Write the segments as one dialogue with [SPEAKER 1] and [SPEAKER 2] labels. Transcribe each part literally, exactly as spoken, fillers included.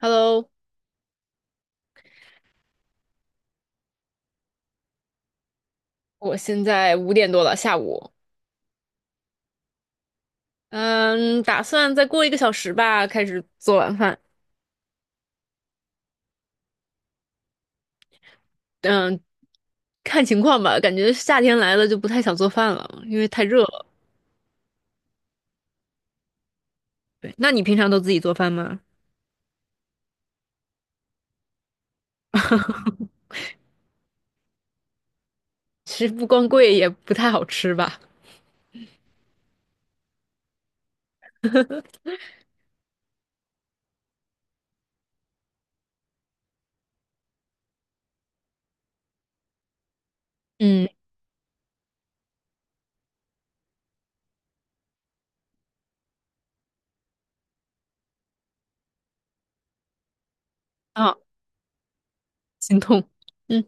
[SPEAKER 1] Hello，我现在五点多了，下午。嗯，打算再过一个小时吧，开始做晚饭。嗯，看情况吧，感觉夏天来了就不太想做饭了，因为太热了。对，那你平常都自己做饭吗？其实不光贵，也不太好吃吧。嗯，啊，心痛。嗯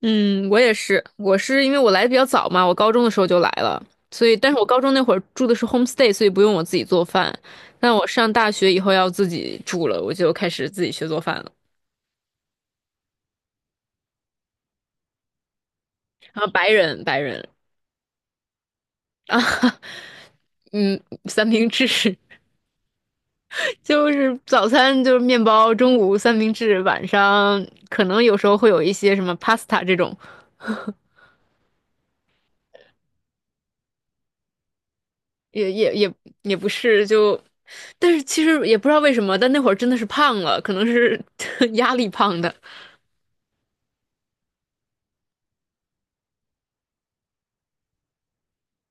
[SPEAKER 1] 嗯，我也是，我是因为我来的比较早嘛，我高中的时候就来了，所以但是我高中那会儿住的是 homestay，所以不用我自己做饭。但我上大学以后要自己住了，我就开始自己学做饭了。啊，白人，白人啊，嗯，三明治 就是早餐就是面包，中午三明治，晚上可能有时候会有一些什么 pasta 这种，也也也也不是就，但是其实也不知道为什么，但那会儿真的是胖了，可能是 压力胖的。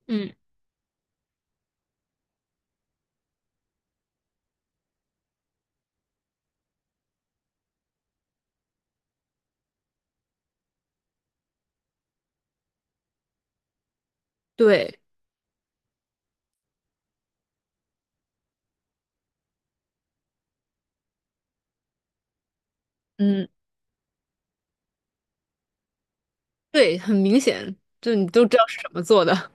[SPEAKER 1] 嗯，对，嗯，对，很明显，就你都知道是什么做的。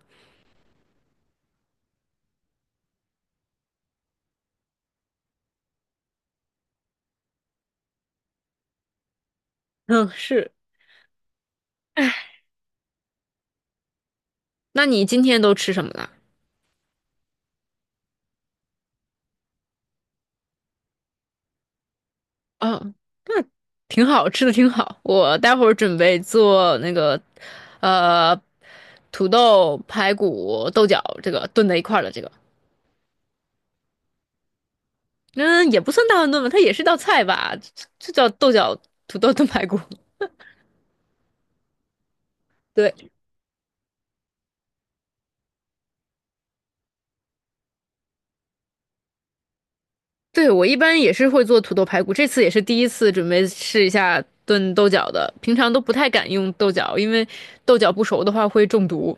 [SPEAKER 1] 嗯，是。那你今天都吃什么了？哦，那挺好吃的，挺好。我待会儿准备做那个，呃，土豆排骨豆角，这个炖在一块儿的这个，嗯，也不算大乱炖吧，它也是道菜吧，就叫豆角土豆炖排骨。对，对，我一般也是会做土豆排骨，这次也是第一次准备试一下炖豆角的，平常都不太敢用豆角，因为豆角不熟的话会中毒。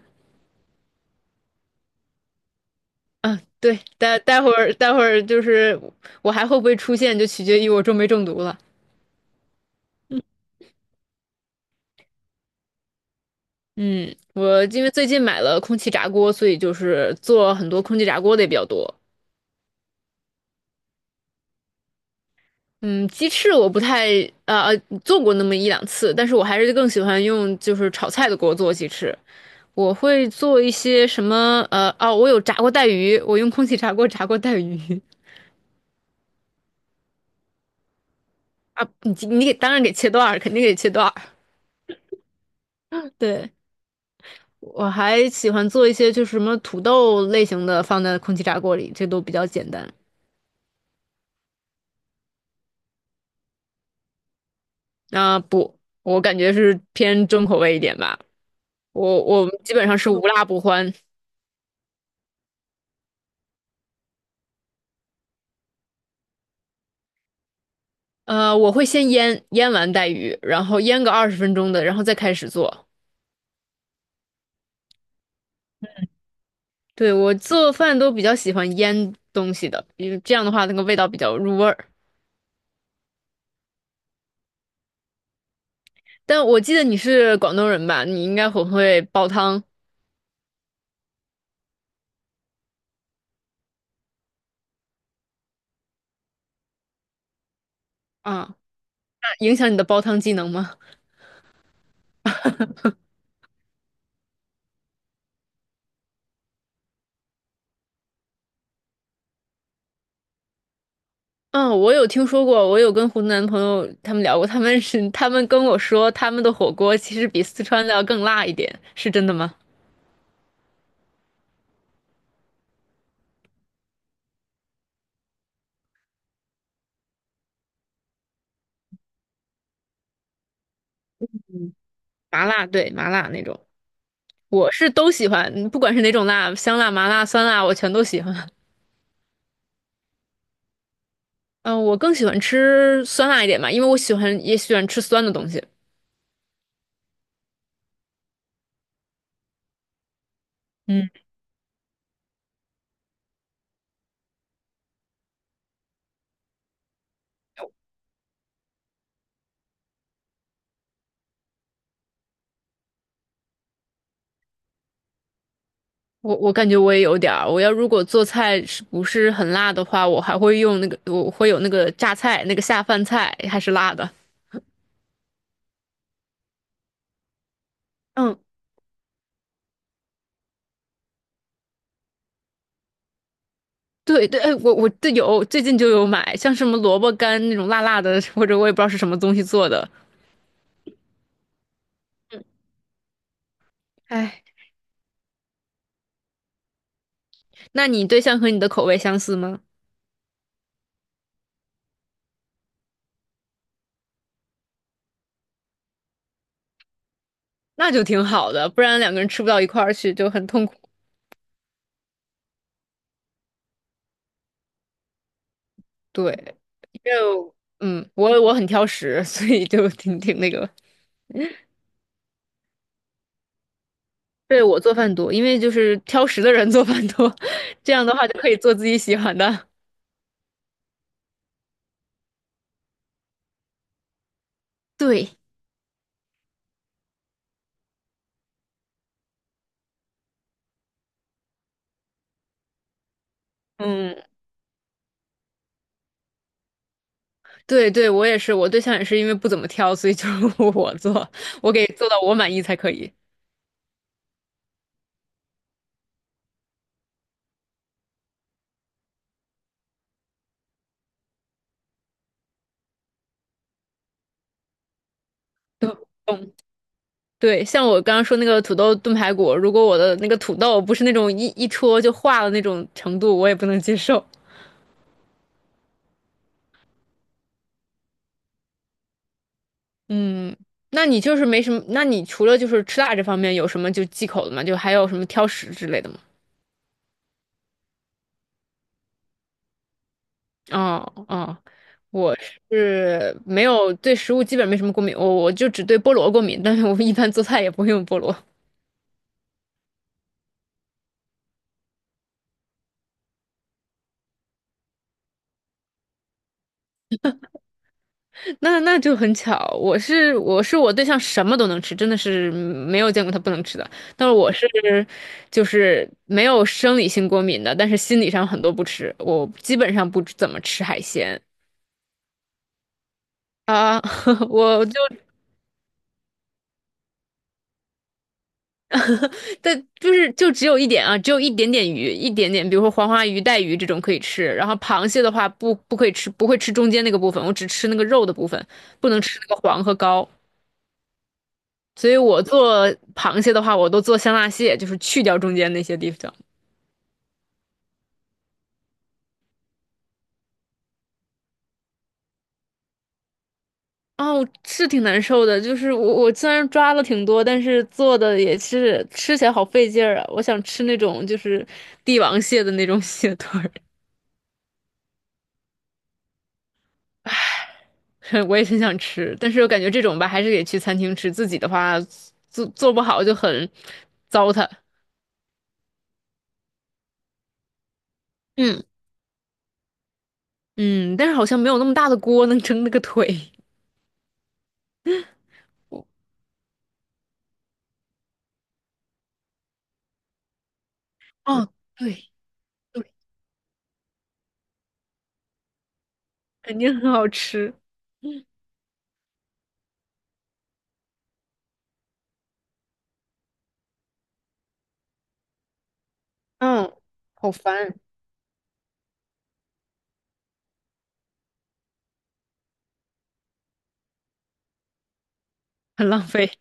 [SPEAKER 1] 嗯，对，待待会儿待会儿就是我还会不会出现，就取决于我中没中毒了。嗯，我因为最近买了空气炸锅，所以就是做很多空气炸锅的也比较多。嗯，鸡翅我不太呃呃做过那么一两次，但是我还是更喜欢用就是炒菜的锅做鸡翅。我会做一些什么呃哦，我有炸过带鱼，我用空气炸锅炸过带鱼 啊，你你给当然给切段儿，肯定给切段儿。对，我还喜欢做一些就是什么土豆类型的放在空气炸锅里，这都比较简单。啊、不，我感觉是偏重口味一点吧。我我们基本上是无辣不欢。呃，我会先腌，腌完带鱼，然后腌个二十分钟的，然后再开始做。对，我做饭都比较喜欢腌东西的，因为这样的话那个味道比较入味儿。但我记得你是广东人吧？你应该很会煲汤啊，那影响你的煲汤技能吗？嗯，我有听说过，我有跟湖南朋友他们聊过，他们是他们跟我说，他们的火锅其实比四川的要更辣一点，是真的吗？麻辣，对，麻辣那种。我是都喜欢，不管是哪种辣，香辣、麻辣、酸辣，我全都喜欢。嗯、呃我更喜欢吃酸辣一点吧，因为我喜欢也喜欢吃酸的东西。我我感觉我也有点儿，我要如果做菜是不是很辣的话，我还会用那个，我会有那个榨菜，那个下饭菜还是辣的。嗯，对对，哎，我我这有最近就有买，像什么萝卜干那种辣辣的，或者我也不知道是什么东西做的。哎，那你对象和你的口味相似吗？那就挺好的，不然两个人吃不到一块儿去就很痛苦。对，就嗯，我我很挑食，所以就挺挺那个。对，我做饭多，因为就是挑食的人做饭多，这样的话就可以做自己喜欢的。对，嗯，对对，我也是，我对象也是因为不怎么挑，所以就 我做，我给做到我满意才可以。嗯，对，像我刚刚说那个土豆炖排骨，如果我的那个土豆不是那种一一戳就化了那种程度，我也不能接受。嗯，那你就是没什么，那你除了就是吃辣这方面有什么就忌口的吗？就还有什么挑食之类的吗？哦哦，我是没有对食物基本没什么过敏，我我就只对菠萝过敏，但是我一般做菜也不会用菠萝。那那就很巧，我是我是我对象什么都能吃，真的是没有见过他不能吃的。但是我是就是没有生理性过敏的，但是心理上很多不吃，我基本上不怎么吃海鲜。啊，我就但就是就只有一点啊，只有一点点鱼，一点点，比如说黄花鱼、带鱼这种可以吃。然后螃蟹的话不不可以吃，不会吃中间那个部分，我只吃那个肉的部分，不能吃那个黄和膏。所以我做螃蟹的话，我都做香辣蟹，就是去掉中间那些地方。哦，是挺难受的，就是我我虽然抓了挺多，但是做的也是吃起来好费劲儿啊。我想吃那种就是帝王蟹的那种 蟹腿儿 我也很想吃，但是我感觉这种吧，还是得去餐厅吃。自己的话，做做不好就很糟蹋。嗯，嗯，但是好像没有那么大的锅能蒸那个腿。哦，对，对，肯定很好吃，嗯，好烦。很浪费，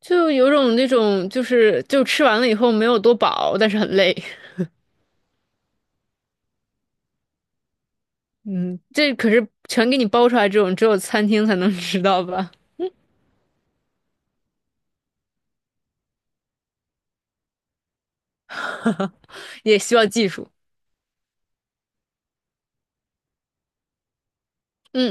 [SPEAKER 1] 就有种那种就是就吃完了以后没有多饱，但是很累。嗯，这可是全给你包出来，这种只有餐厅才能 吃到吧？也需要技术。嗯。